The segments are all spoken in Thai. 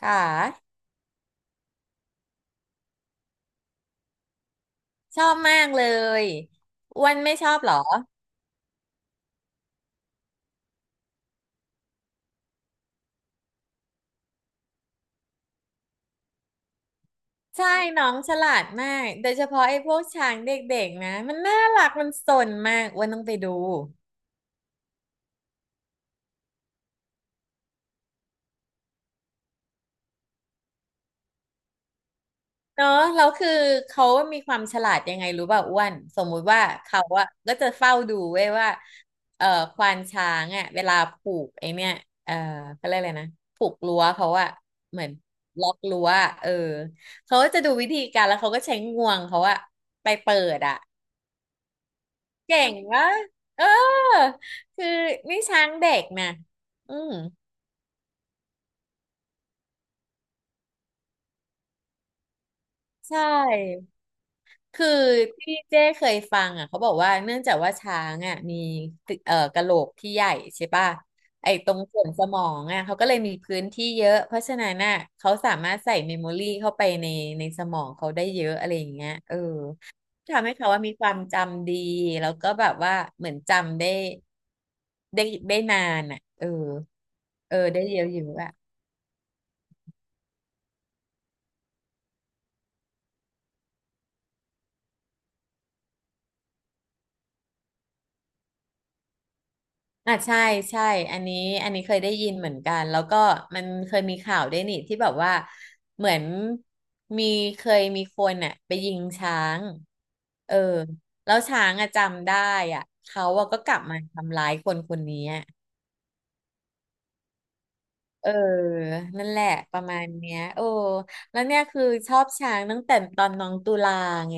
ค่ะชอบมากเลยอ้วันไม่ชอบเหรอใช่น้องฉลาดมากโดยเฉพาะไอ้พวกช้างเด็กๆนะมันน่ารักมันสนมากอ้วันต้องไปดูเนาะแล้วคือเขามีความฉลาดยังไงรู้ป่ะอ้วนสมมุติว่าเขาอะก็จะเฝ้าดูเว้ยว่าเอ่อควานช้างอะเวลาผูกไอเนี่ยเอ่อเขาเรียกอะไรนะผูกรั้วเขาอะเหมือนล็อกรั้วอะเออเขาก็จะดูวิธีการแล้วเขาก็ใช้งวงเขาอะไปเปิดอะ เก่งวะเออคือนี่ช้างเด็กนะอืมใช่คือที่เจ้เคยฟังอ่ะเขาบอกว่าเนื่องจากว่าช้างอ่ะมีตึเอ่อกะโหลกที่ใหญ่ใช่ป่ะไอ้ตรงส่วนสมองอ่ะเขาก็เลยมีพื้นที่เยอะเพราะฉะนั้นน่ะเขาสามารถใส่เมมโมรี่เข้าไปในสมองเขาได้เยอะอะไรอย่างเงี้ยเออทำให้เขาว่ามีความจำดีแล้วก็แบบว่าเหมือนจำได้ได้นานอ่ะเออเออได้เยอะอยู่ อ่ะใช่ใช่อันนี้อันนี้เคยได้ยินเหมือนกันแล้วก็มันเคยมีข่าวด้วยนี่ที่แบบว่าเหมือนมีเคยมีคนอ่ะไปยิงช้างเออแล้วช้างอะจำได้อ่ะเขาอะก็กลับมาทำร้ายคนคนนี้อะเออนั่นแหละประมาณเนี้ยโอ้แล้วเนี่ยคือชอบช้างตั้งแต่ตอนน้องตุลาไง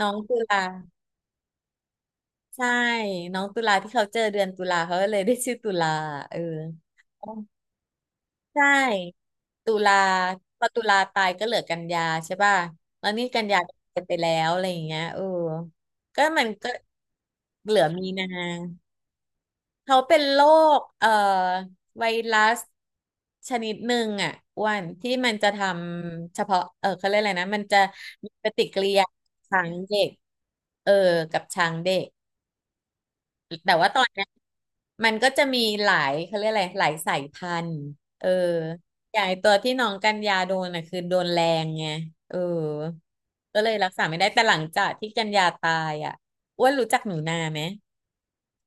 น้องตุลาใช่น้องตุลาที่เขาเจอเดือนตุลาเขาก็เลยได้ชื่อตุลาเออ ใช่ตุลาพอตุลาตายก็เหลือกันยาใช่ป่ะแล้วนี่กันยาก็ตายไปแล้วอะไรอย่างเงี้ยเออก็มันก็เหลือมีนาเขาเป็นโรคไวรัสชนิดหนึ่งอ่ะอ้วันที่มันจะทำเฉพาะเออเขาเรียกอะไรนะมันจะมีปฏิกิริยากับช้างเด็กเออกับช้างเด็ก แต่ว่าตอนเนี้ยมันก็จะมีหลายเขาเรียกอะไรหลายสายพันธุ์เอออย่างไอ้ตัวที่น้องกันยาโดนอ่ะคือโดนแรงไงเออก็เลยรักษาไม่ได้แต่หลังจากที่กันยาตายอ่ะอ้วนรู้จักหนูนาไหม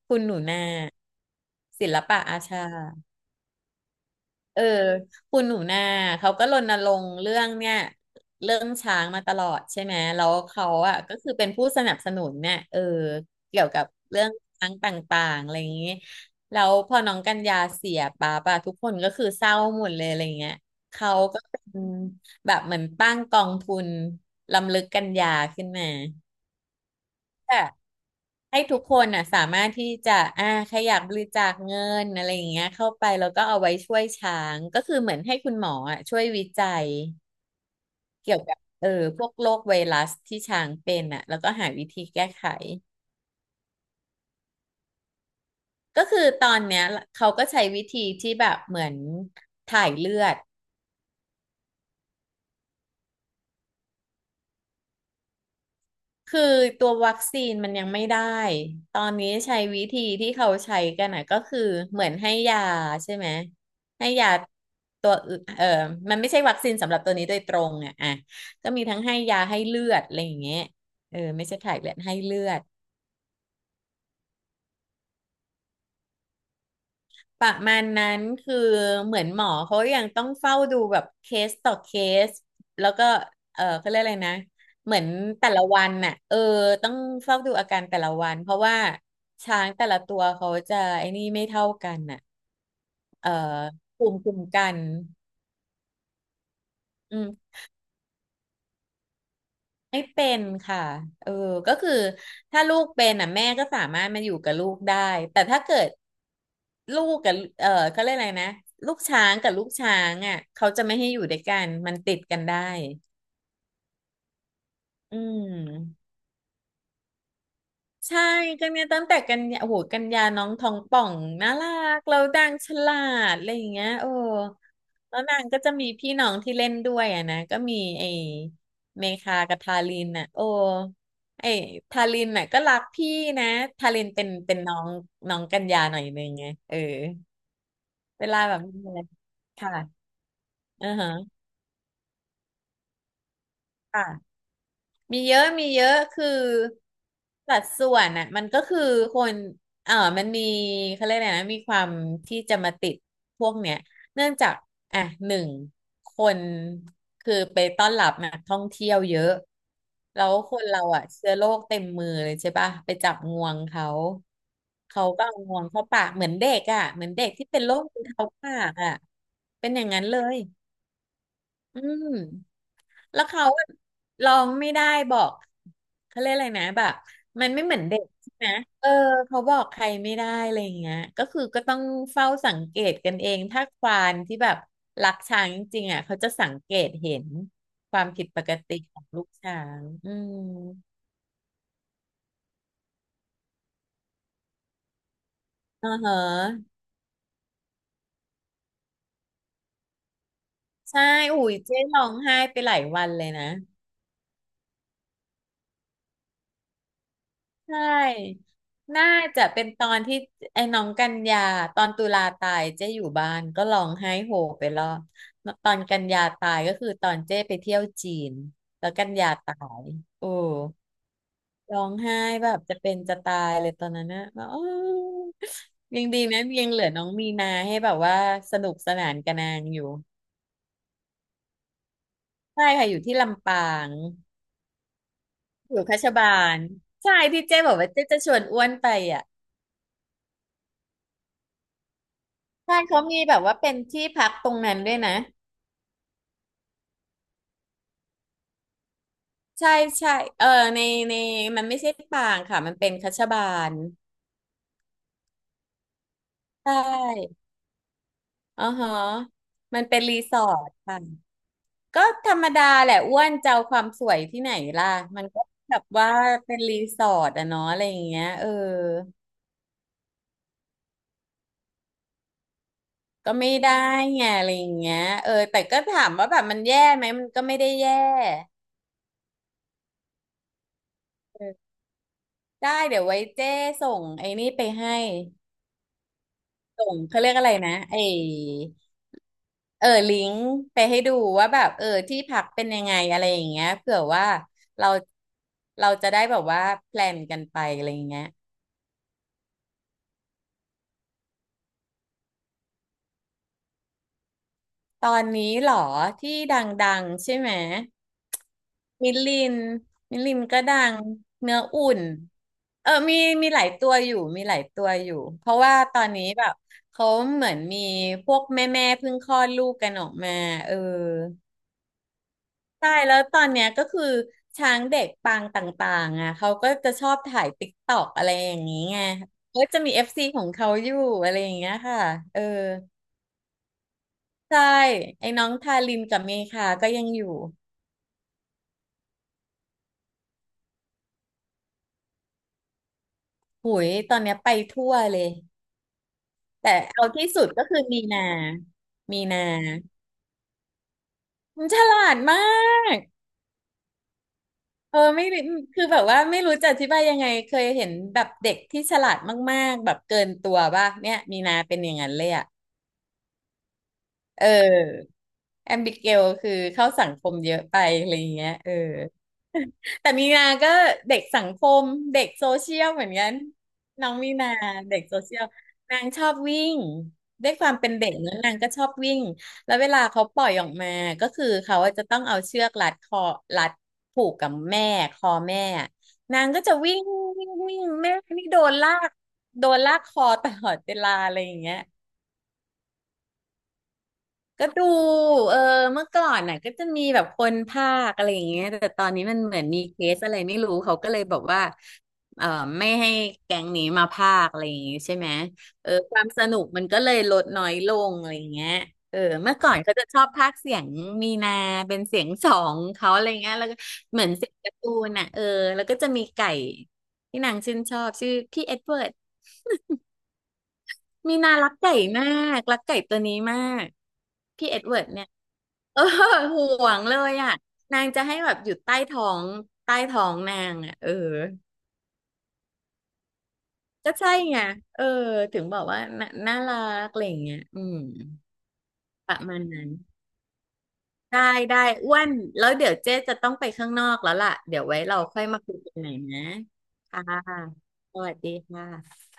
คุณหนูนาศิลปะอาชา เออคุณหนูนาเขาก็รณรงค์เรื่องเนี่ยเรื่องช้างมาตลอดใช่ไหมแล้วเขาอ่ะก็คือเป็นผู้สนับสนุนเนี่ยเออเกี่ยวกับเรื่องช้างต่างๆอะไรอย่างนี้แล้วพอน้องกันยาเสียป้าปะทุกคนก็คือเศร้าหมดเลยอะไรเงี้ยเขาก็เป็นแบบเหมือนตั้งกองทุนรำลึกกันยาขึ้นมา ให้ทุกคนน่ะสามารถที่จะอ่าใครอยากบริจาคเงินอะไรอย่างเงี้ยเข้าไปแล้วก็เอาไว้ช่วยช้างก็คือเหมือนให้คุณหมออ่ะช่วยวิจัยเกี่ยวกับเออพวกโรคไวรัสที่ช้างเป็นอ่ะแล้วก็หาวิธีแก้ไขก็คือตอนเนี้ยเขาก็ใช้วิธีที่แบบเหมือนถ่ายเลือด คือตัววัคซีนมันยังไม่ได้ ตอนนี้ใช้วิธีที่เขาใช้กันนะก็คือเหมือนให้ยาใช่ไหมให้ยาตัวอื่นเออมันไม่ใช่วัคซีนสำหรับตัวนี้โดยตรงอ่ะอ่ะก็มีทั้งให้ยาให้เลือดอะไรอย่างเงี้ยเออไม่ใช่ถ่ายเลือดให้เลือด ประมาณนั้นคือเหมือนหมอเขายังต้องเฝ้าดูแบบเคสต่อเคสแล้วก็เออเขาเรียกอะไรนะเหมือนแต่ละวันน่ะเออต้องเฝ้าดูอาการแต่ละวันเพราะว่าช้างแต่ละตัวเขาจะไอ้นี่ไม่เท่ากันน่ะเออภูมิคุ้มกันอืม ไม่เป็นค่ะเออก็คือถ้าลูกเป็นอ่ะแม่ก็สามารถมาอยู่กับลูกได้แต่ถ้าเกิดลูกกับเออเขาเรียกอะไรนะลูกช้างกับลูกช้างอ่ะเขาจะไม่ให้อยู่ด้วยกันมันติดกันได้อืม ใช่กันเนี่ยตั้งแต่กันยาโอ้โหกันยาน้องทองป่องน่ารักเราดังฉลาดอะไรอย่างเงี้ยโอ้แล้วนางก็จะมีพี่น้องที่เล่นด้วยอ่ะนะก็มีไอ้เมคากับทารินน่ะโอ้ไอ้ทารินน่ะก็รักพี่นะทารินเป็นน้องน้องกันยาหน่อยนึงไงเออเวลาแบบมีอะไรค่ะอือฮะค่ะ มีเยอะมีเยอะคือสัดส่วนอ่ะมันก็คือคนเออมันมีเขาเรียกอะไรนะมีความที่จะมาติดพวกเนี้ยเนื่องจากอ่ะหนึ่งคนคือไปต้อนรับนักท่องเที่ยวเยอะแล้วคนเราอ่ะเชื้อโรคเต็มมือเลยใช่ปะไปจับงวงเขาเขาก็เอางวงเข้าปากเหมือนเด็กอ่ะเหมือนเด็กที่เป็นโรคมือเท้าปากอ่ะเป็นอย่างนั้นเลยอืม แล้วเขาอะร้องไม่ได้บอกเขาเรียกอะไรนะแบบมันไม่เหมือนเด็กใช่ไหมเออเขาบอกใครไม่ได้อะไรอย่างเงี้ยก็คือก็ต้องเฝ้าสังเกตกันเองถ้าควานที่แบบรักช้างจริงๆอ่ะเขาจะสังเกตเห็นความผิดปกติของลูกช้างอืมอ่าฮะใช่อุ้ยเจ๊ร้องไห้ไปหลายวันเลยนะ ใช่ น่าจะเป็นตอนที่ไอ้น้องกันยาตอนตุลาตายเจ๊อยู่บ้านก็ร้องไห้โฮไปรอบตอนกันยาตายก็คือตอนเจ๊ไปเที่ยวจีนแล้วกันยาตายโอ้ร้องไห้แบบจะเป็นจะตายเลยตอนนั้นนะแบบอ้อยังดีนะยังเหลือน้องมีนาให้แบบว่าสนุกสนานกับนางอยู่ใช่ค่ะอยู่ที่ลำปางอยู่คัชบาลใช่ที่เจ๊บอกว่าเจ๊จะชวนอ้วนไปอ่ะ ใช่เขามีแบบว่าเป็นที่พักตรงนั้นด้วยนะใช่ใช่เออในในมันไม่ใช่ปางค่ะมันเป็นคัชบาลใช่อ๋อฮะมันเป็นรีสอร์ทค่ะก็ธรรมดาแหละอ้วนจะเอาความสวยที่ไหนล่ะมันก็แบบว่าเป็นรีสอร์ทอะเนาะอะไรอย่างเงี้ยเออก็ไม่ได้ไงอะไรอย่างเงี้ยเออแต่ก็ถามว่าแบบมันแย่ไหมมันก็ไม่ได้แย่เออได้เดี๋ยวไว้เจ้ส่งไอ้นี่ไปให้ส่งเขาเรียกอะไรนะไอ้ เออลิงก์ไปให้ดูว่าแบบเออที่พักเป็นยังไงอะไรอย่างเงี้ยเผื่อว่าเราเราจะได้แบบว่าแพลนกันไปอะไรอย่างเงี้ยตอนนี้เหรอที่ดังๆใช่ไหมมิลลินมิลลินก็ดังเนื้ออุ่นเออมีมีหลายตัวอยู่มีหลายตัวอยู่เพราะว่าตอนนี้แบบเขาเหมือนมีพวกแม่เพิ่งคลอดลูกกันออกมาเออ ใช่แล้วตอนเนี้ยก็คือช้างเด็กปางต่างๆอ่ะเขาก็จะชอบถ่ายติ๊กตอกอะไรอย่างนี้ไงก็จะมีเอฟซีของเขาอยู่อะไรอย่างเงี้ยค่ะเออใช่ไอ้น้องทารินกับเมคาก็ยังอยู่หุยตอนเนี้ยไปทั่วเลยแต่เอาที่สุดก็คือมีนา มีนามันฉลาดมากเออไม่รู้คือแบบว่าไม่รู้จะอธิบายยังไงเคยเห็นแบบเด็กที่ฉลาดมากๆแบบเกินตัวป่ะเนี่ยมีนาเป็นอย่างนั้นเลยอะ เออแอมบิเกลคือเข้าสังคมเยอะไปอะไรอย่างเงี้ยเออแต่มีนาก็เด็กสังคมเด็กโซเชียลเหมือนกันน้องมีนาเด็กโซเชียลนางชอบวิ่งด้วยความเป็นเด็กเนอะนางก็ชอบวิ่งแล้วเวลาเขาปล่อยออกมาก็คือเขาอะจะต้องเอาเชือกรัดคอรัดผูกกับแม่คอแม่นางก็จะวิ่งวิ่งวิ่งแม่นี่โดนลากคอตลอดเวลาอะไรอย่างเงี้ย ก็ดูเออเมื่อก่อนน่ะก็จะมีแบบคนภาคอะไรอย่างเงี้ยแต่ตอนนี้มันเหมือนมีเคสอะไรไม่รู้เขาก็เลยบอกว่าเออไม่ให้แก๊งนี้มาภาคอะไรอย่างงี้ใช่ไหมเออความสนุกมันก็เลยลดน้อยลงอะไรอย่างเงี้ยเออเมื่อก่อนเขาจะชอบภาคเสียงมีนาเป็นเสียงสองเขาอะไรเงี้ยแล้วก็เหมือนเสียงการ์ตูนน่ะเออแล้วก็จะมีไก่ที่นางชื่นชอบชื่อพี่เอ็ดเวิร์ดมีนารักไก่มากรักไก่ตัวนี้มาก พี่เอ็ดเวิร์ดเนี่ยเออ ห่วงเลยอ่ะนางจะให้แบบอยู่ใต้ท้องนางอ่ะเออก็ใช่ไงเออถึงบอกว่าน่ารักอะไรอย่างเงี้ยอืมประมาณนั้นได้ได้อ้วนแล้วเดี๋ยวเจ๊จะต้องไปข้างนอกแล้วล่ะเดี๋ยวไว้เราค่อยมาคุยกันใหม่นะค่ะสวัสดีค่ะ